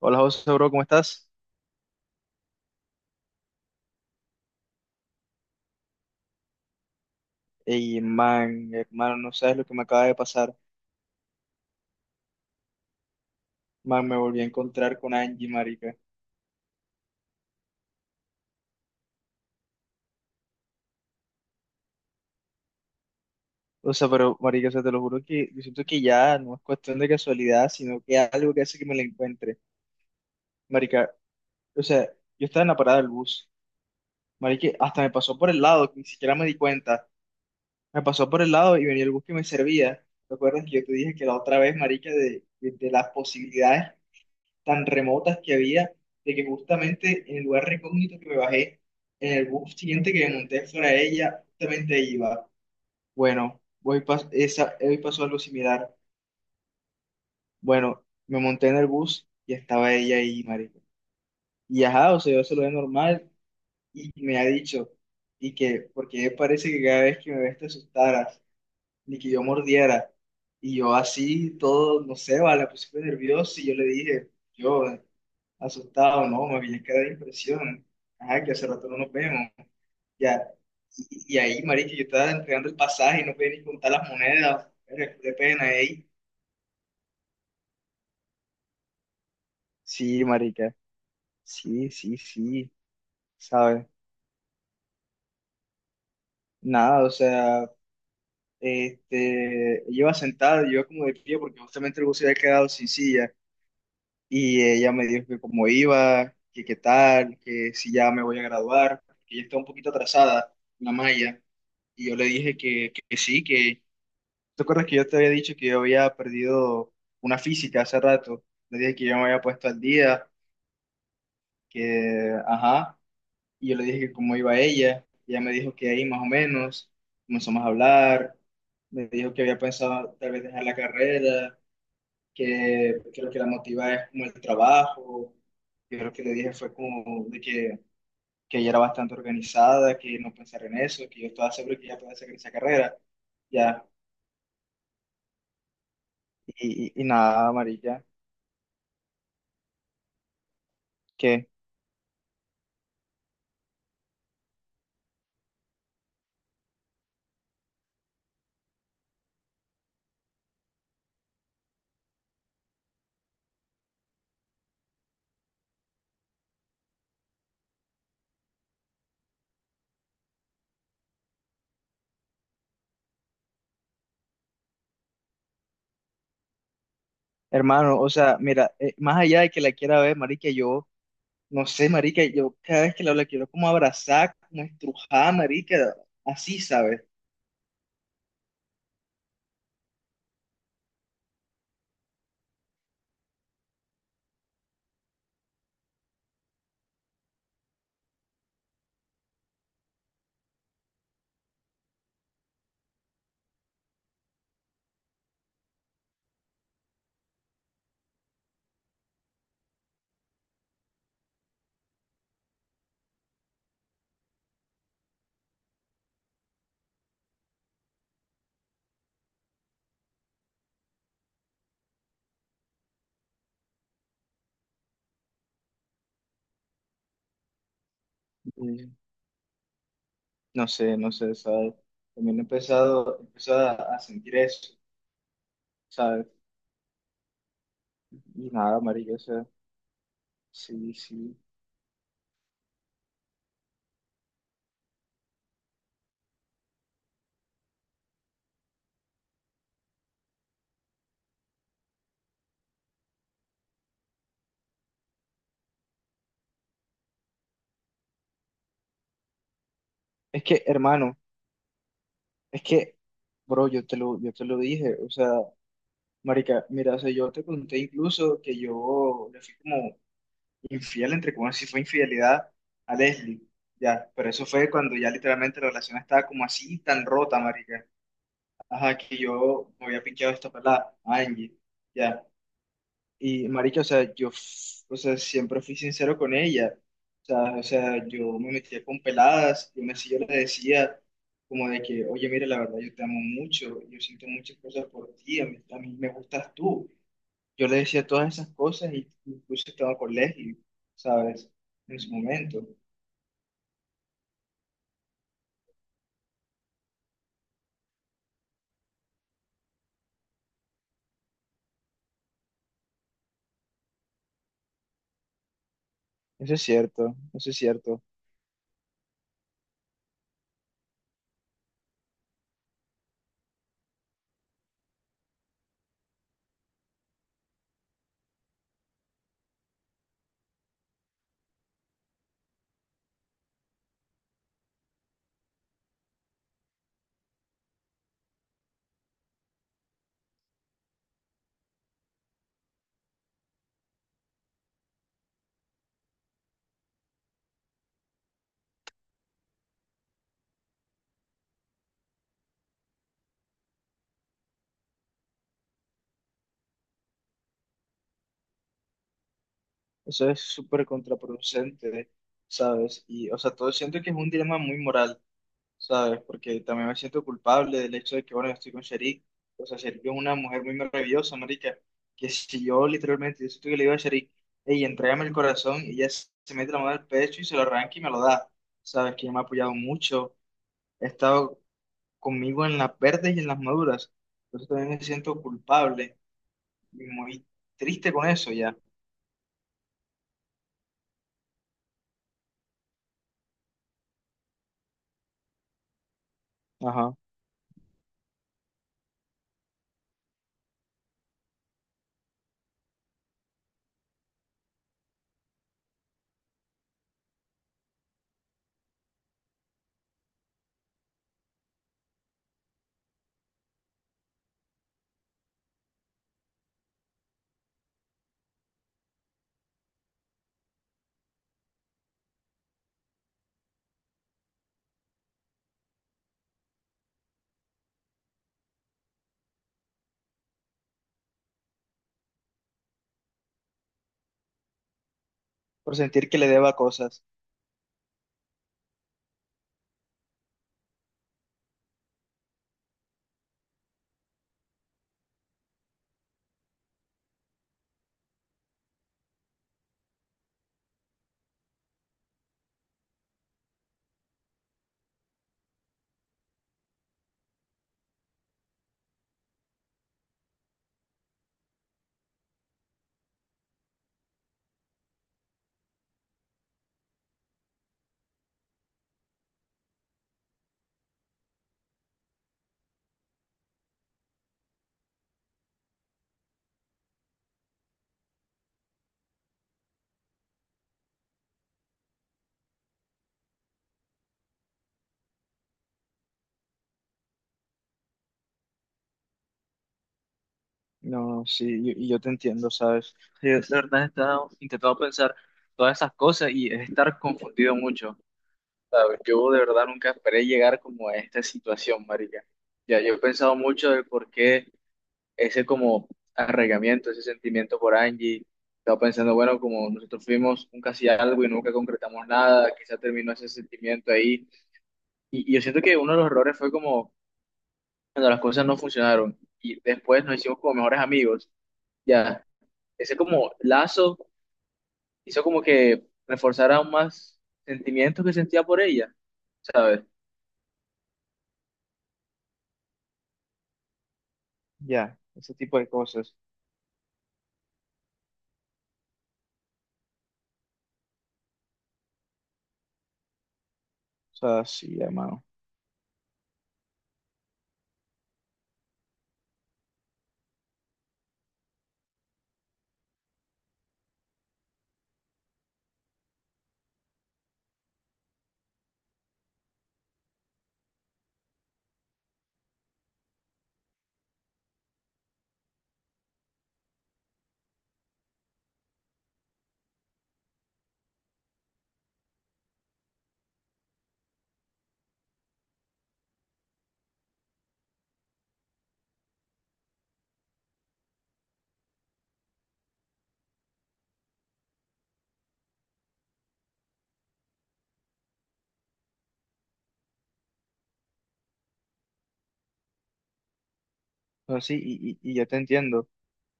Hola José, bro, ¿cómo estás? Ey, man, hermano, no sabes lo que me acaba de pasar. Man, me volví a encontrar con Angie, marica. O sea, pero, marica, o sea, te lo juro que yo siento que ya no es cuestión de casualidad, sino que algo que hace que me la encuentre. Marica, o sea, yo estaba en la parada del bus. Marica, hasta me pasó por el lado, que ni siquiera me di cuenta. Me pasó por el lado y venía el bus que me servía. ¿Te acuerdas que yo te dije que la otra vez, marica, de las posibilidades tan remotas que había, de que justamente en el lugar recógnito que me bajé, en el bus siguiente que me monté fuera de ella, justamente ahí iba? Bueno, hoy, hoy pasó algo similar. Bueno, me monté en el bus y estaba ella ahí, marico. Y ajá, o sea, yo se lo veo normal y me ha dicho, y que, porque parece que cada vez que me ves te asustaras, ni que yo mordiera. Y yo así, todo, no sé, vale, puse nervioso y yo le dije, yo, asustado, ¿no? Me había quedado de impresión. Ajá, que hace rato no nos vemos. Ya. Y ahí, marica, yo estaba entregando el pasaje y no podía ni contar las monedas. Era de pena ahí. Sí, marica. Sí, sí, sí. ¿Sabes? Nada, o sea, este, yo iba sentado, yo iba como de pie porque justamente el bus se había quedado sin silla. Y ella me dijo que cómo iba, que qué tal, que si ya me voy a graduar, que ella está un poquito atrasada, la malla. Y yo le dije que sí, que ¿te acuerdas que yo te había dicho que yo había perdido una física hace rato? Le dije que yo me había puesto al día, que, ajá, y yo le dije que cómo iba ella, y ella me dijo que ahí más o menos, comenzamos a hablar, me dijo que había pensado tal vez dejar la carrera, que lo que la motiva es como el trabajo, yo lo que le dije fue como de que ella era bastante organizada, que no pensara en eso, que yo estaba seguro que ella podía hacer esa carrera, ya, y nada, amarilla, ¿qué? Hermano, o sea, mira, más allá de que la quiera ver, marica, yo, no sé, marica, yo cada vez que la hablo la quiero como abrazar, como estrujar, marica, así, ¿sabes? Mm. No sé, no sé, ¿sabes? También he empezado a sentir eso, ¿sabes? Y nada, marica, o sea, sí, sí. Es que, hermano, es que, bro, yo te lo dije, o sea, marica, mira, o sea, yo te conté incluso que yo le fui como infiel, entre comillas, sí fue infidelidad a Leslie. Ya, pero eso fue cuando ya literalmente la relación estaba como así, tan rota, marica. Ajá, que yo me había pinchado esta pelada, Angie. Ya. Y, marica, o sea, yo, o sea, siempre fui sincero con ella. O sea, yo me metía con peladas, yo le decía como de que, oye, mira, la verdad, yo te amo mucho, yo siento muchas cosas por ti, a mí me gustas tú. Yo le decía todas esas cosas y incluso estaba con Leslie, ¿sabes? En su momento. Eso es cierto, eso es cierto. Eso es súper contraproducente, ¿sabes? Y, o sea, todo siento que es un dilema muy moral, ¿sabes? Porque también me siento culpable del hecho de que, bueno, yo estoy con Sharik. O sea, Sharik es una mujer muy maravillosa, marica. Que si yo literalmente, yo siento que le digo a Sharik, hey, entrégame el corazón, y ella se mete la mano al pecho y se lo arranca y me lo da, ¿sabes? Que ella me ha apoyado mucho. He estado conmigo en las verdes y en las maduras. Por eso también me siento culpable y muy triste con eso ya. Ajá. Por sentir que le deba cosas. No, sí, y yo te entiendo, ¿sabes? Sí, de verdad he estado intentando pensar todas esas cosas y es estar confundido mucho, ¿sabes? Yo de verdad nunca esperé llegar como a esta situación, marica. Ya, yo he pensado mucho de por qué ese como arraigamiento, ese sentimiento por Angie. Estaba pensando, bueno, como nosotros fuimos un casi algo y nunca concretamos nada, quizá terminó ese sentimiento ahí. Y yo siento que uno de los errores fue como cuando las cosas no funcionaron y después nos hicimos como mejores amigos. Ya, ese como lazo hizo como que reforzara aún más sentimientos que sentía por ella, ¿sabes? Ya, ese tipo de cosas. O sea, sí, hermano. O sea, sí, y yo te entiendo.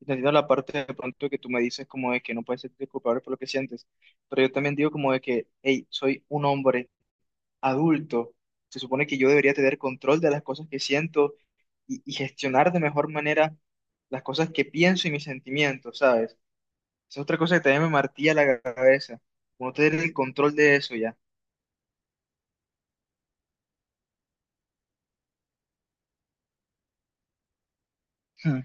Entendiendo la parte de pronto que tú me dices como de que no puedes sentirte culpable por lo que sientes, pero yo también digo como de que, hey, soy un hombre adulto, se supone que yo debería tener control de las cosas que siento y gestionar de mejor manera las cosas que pienso y mis sentimientos, ¿sabes? Esa es otra cosa que también me martilla la cabeza, como no tener el control de eso ya. Hmm.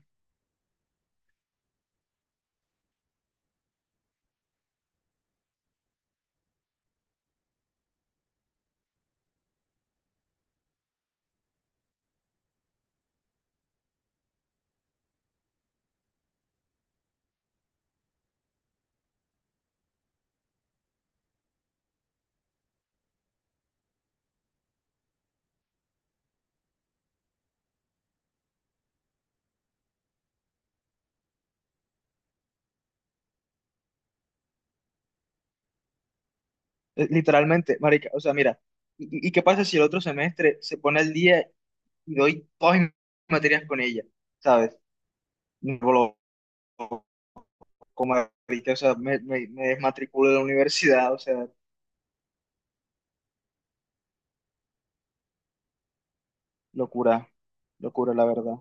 Literalmente, marica, o sea, mira, ¿y, y qué pasa si el otro semestre se pone al día y doy todas mis materias con ella? ¿Sabes? Me voló. Como marica, o sea, me desmatriculé de la universidad, o sea, locura, locura, la verdad.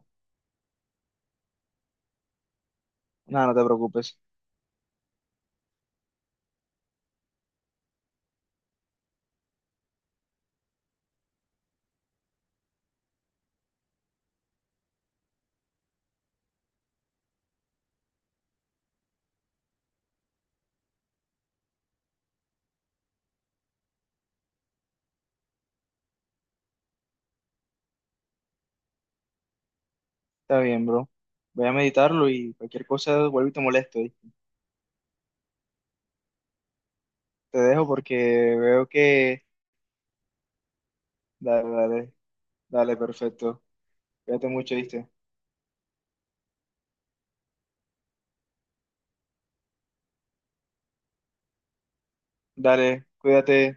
Nada, no te preocupes, está bien, bro. Voy a meditarlo y cualquier cosa vuelvo y te molesto. ¿Oíste? Te dejo porque veo que... Dale, dale, dale, perfecto. Cuídate mucho, ¿viste? Dale, cuídate.